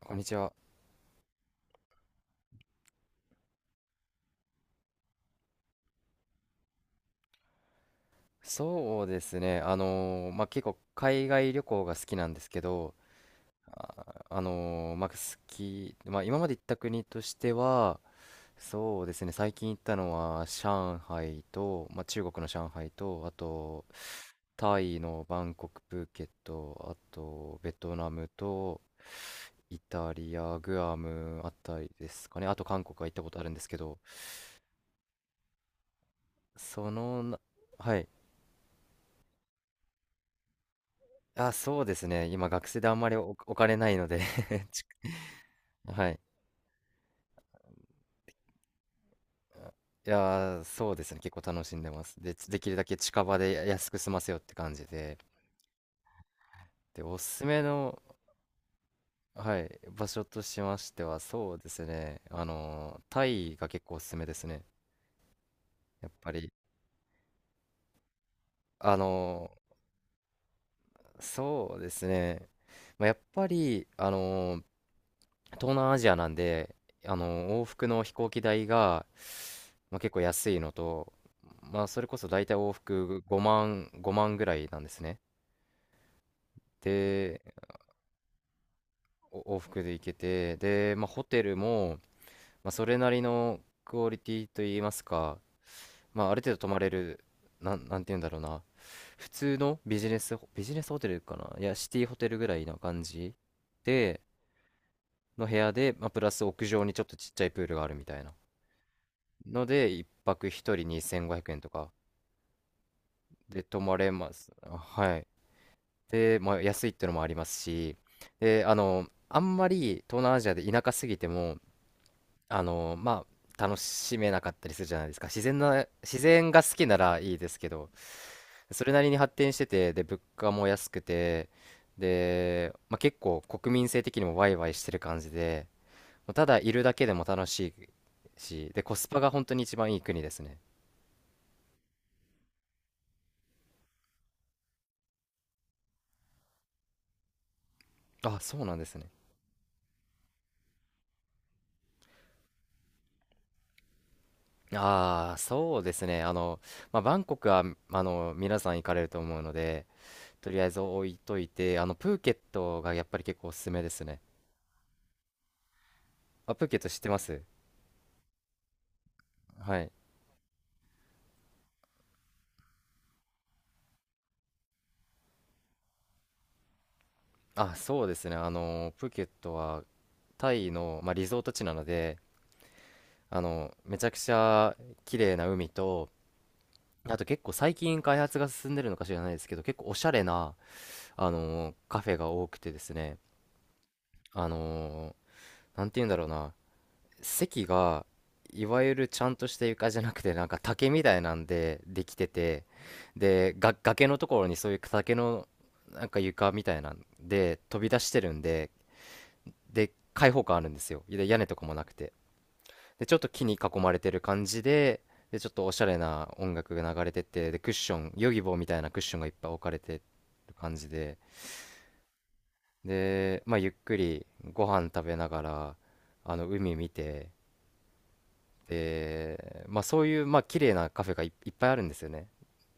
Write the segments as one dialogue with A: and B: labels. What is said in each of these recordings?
A: こんにちは。そうですね。まあ、結構海外旅行が好きなんですけど、あ、まあ、まあ、今まで行った国としては、そうですね。最近行ったのは上海と、まあ、中国の上海と、あとタイのバンコク、プーケット、あとベトナムとイタリア、グアムあたりですかね。あと韓国は行ったことあるんですけど、そのな、はい。あ、そうですね。今、学生であんまりお金ないので、 ちはい。いやー、そうですね。結構楽しんでます。で、できるだけ近場で安く済ませようって感じで。で、おすすめの、はい、場所としましては、そうですね。タイが結構おすすめですね。やっぱり、あのそうですね。まあ、やっぱり、東南アジアなんで、往復の飛行機代が、まあ、結構安いのと、まあ、それこそ大体往復5万ぐらいなんですね。で、往復で行けて、で、まあ、ホテルも、まあ、それなりのクオリティといいますか、まあ、ある程度泊まれる、なんて言うんだろうな、普通のビジネスホテルかな、いや、シティホテルぐらいな感じで、の部屋で、まあ、プラス屋上にちょっとちっちゃいプールがあるみたいな。ので、一泊一人2500円とかで泊まれます。あ、はい。で、まあ、安いってのもありますし、で、あんまり東南アジアで田舎すぎても、まあ、楽しめなかったりするじゃないですか。自然が好きならいいですけど、それなりに発展してて、で、物価も安くて、で、まあ、結構国民性的にもワイワイしてる感じで、もうただいるだけでも楽しいし、で、コスパが本当に一番いい国ですね。あ、そうなんですね。ああ、そうですね。まあ、バンコクは、皆さん行かれると思うので、とりあえず置いといて、プーケットがやっぱり結構おすすめですね。あ、プーケット知ってます？はい。あ、そうですね。プーケットはタイの、まあ、リゾート地なので、めちゃくちゃ綺麗な海と、あと結構最近開発が進んでるのか知らないですけど、結構おしゃれな、カフェが多くてですね、あの、なんて言うんだろうな。席がいわゆるちゃんとした床じゃなくて、なんか竹みたいなんでできてて、でが崖のところにそういう竹の、なんか床みたいなんで飛び出してるんで、で開放感あるんですよ。で屋根とかもなくて、でちょっと木に囲まれてる感じで、でちょっとおしゃれな音楽が流れてて、でクッション、ヨギボーみたいなクッションがいっぱい置かれてる感じで、でまあゆっくりご飯食べながら、あの海見て、で、まあ、そういう、まあ、綺麗なカフェがいっぱいあるんですよね。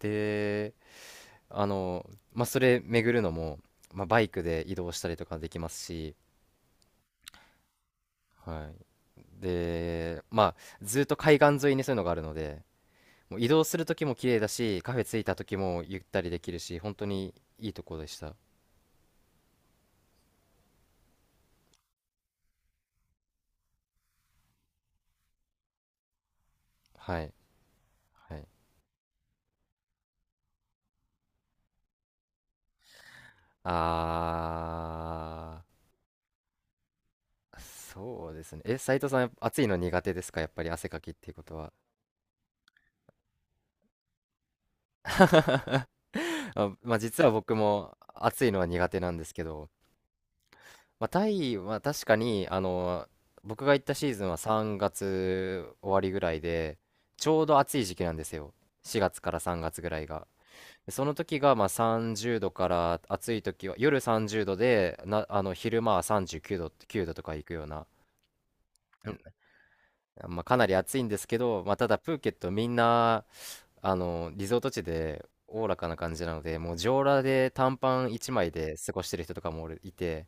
A: で、あの、まあ、それ巡るのも、まあ、バイクで移動したりとかできますし、はい。で、まあ、ずっと海岸沿いにそういうのがあるので、もう移動する時も綺麗だし、カフェ着いた時もゆったりできるし、本当にいいとこでした。はい。はい。あそうですね。斉藤さん、暑いの苦手ですか？やっぱり汗かきっていうことは。あ、まあ、実は僕も暑いのは苦手なんですけど、まあ、タイは確かに僕が行ったシーズンは3月終わりぐらいで、ちょうど暑い時期なんですよ。4月から3月ぐらいが、でその時がまあ30度から、暑い時は夜30度で、な昼間は39度とか行くような、うんまあ、かなり暑いんですけど、まあ、ただプーケットみんなリゾート地でおおらかな感じなので、もう上裸で短パン1枚で過ごしてる人とかもおるいて、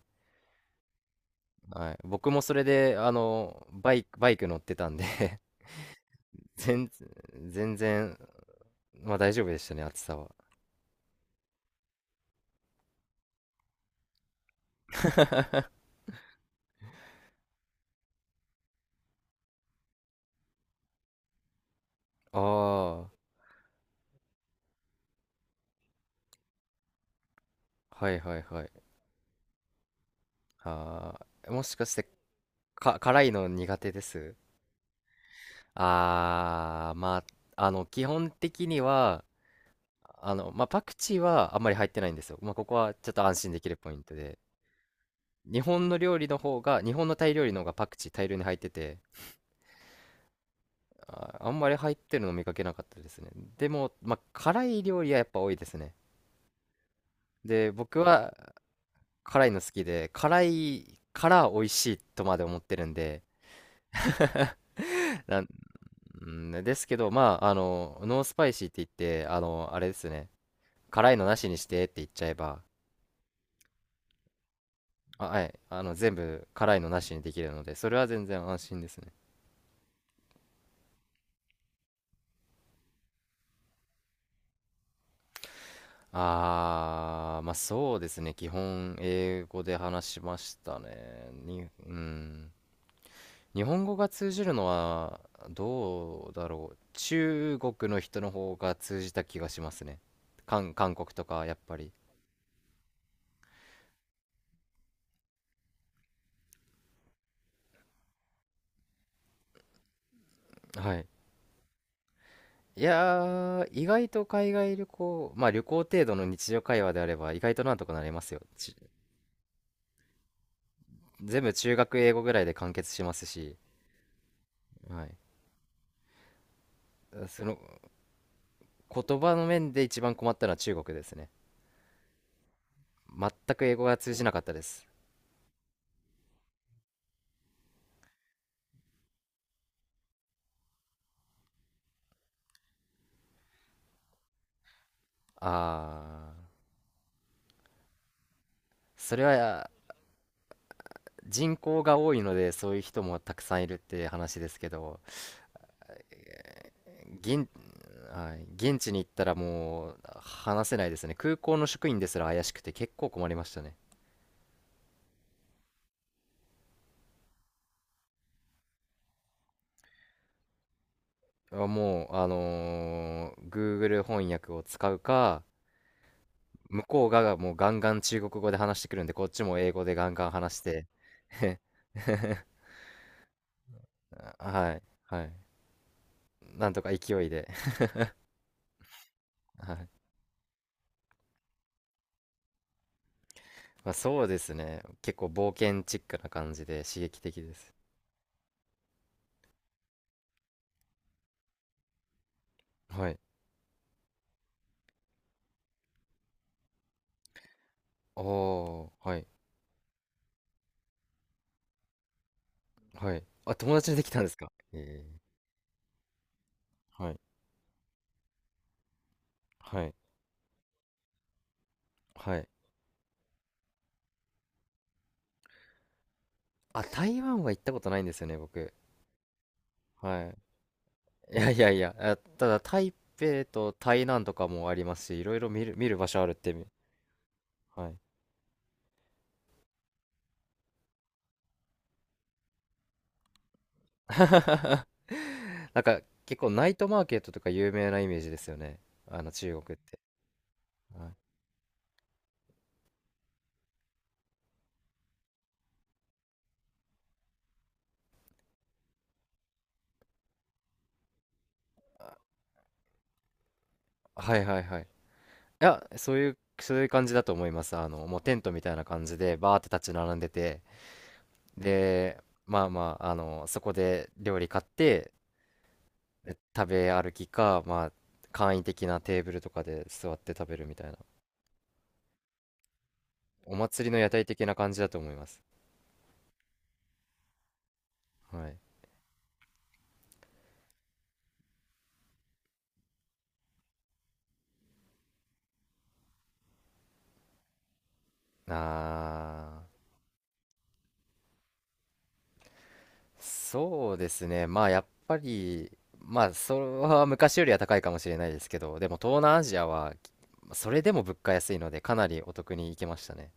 A: はい、僕もそれで、バイク乗ってたんで、 全、全然、まあ大丈夫でしたね、暑さは。ああ、はいはいはい。ああ、もしかして、辛いの苦手です？ああ、まあ、基本的には、まあ、パクチーはあんまり入ってないんですよ。まあ、ここはちょっと安心できるポイントで。日本の料理の方が、日本のタイ料理の方がパクチー大量に入ってて、あ、あんまり入ってるの見かけなかったですね。でも、まあ、辛い料理はやっぱ多いですね。で、僕は辛いの好きで、辛いから美味しいとまで思ってるんで、なん、うんですけど、まあ、ノースパイシーって言って、あれですね、辛いのなしにしてって言っちゃえば、あ、はい、全部辛いのなしにできるので、それは全然安心ですね。まあそうですね。基本英語で話しましたね。うん。日本語が通じるのはどうだろう。中国の人の方が通じた気がしますね。韓国とかやっぱり。はい。いやー、意外と海外旅行、まあ旅行程度の日常会話であれば意外となんとかなりますよ。全部中学英語ぐらいで完結しますし、はい。その言葉の面で一番困ったのは中国ですね。全く英語が通じなかったです。ああ、それは人口が多いのでそういう人もたくさんいるって話ですけど、現、はい、現地に行ったらもう話せないですね。空港の職員ですら怪しくて結構困りましたね。あもう、Google 翻訳を使うか、向こうがもうガンガン中国語で話してくるんで、こっちも英語でガンガン話して、はい、はい、なんとか勢いで、はい。まあ、そうですね。結構冒険チックな感じで刺激的です。はい。ああ、はい、はい。あ、友達にできたんですか？えー、はい、はい、はい。あ、台湾は行ったことないんですよね、僕。はい。いやいやいや、あ、ただ台北と台南とかもありますし、いろいろ見る場所あるってはい。なんか結構ナイトマーケットとか有名なイメージですよね。中国って。はい、はいはいはい。いや、そういう感じだと思います。もうテントみたいな感じで、バーって立ち並んでて、で、まあまあ、そこで料理買って、食べ歩きか、まあ、簡易的なテーブルとかで座って食べるみたいな、お祭りの屋台的な感じだと思います。はい。あそうですね。まあ、やっぱり、まあ、それは昔よりは高いかもしれないですけど、でも東南アジアは、それでも物価安いので、かなりお得に行けましたね。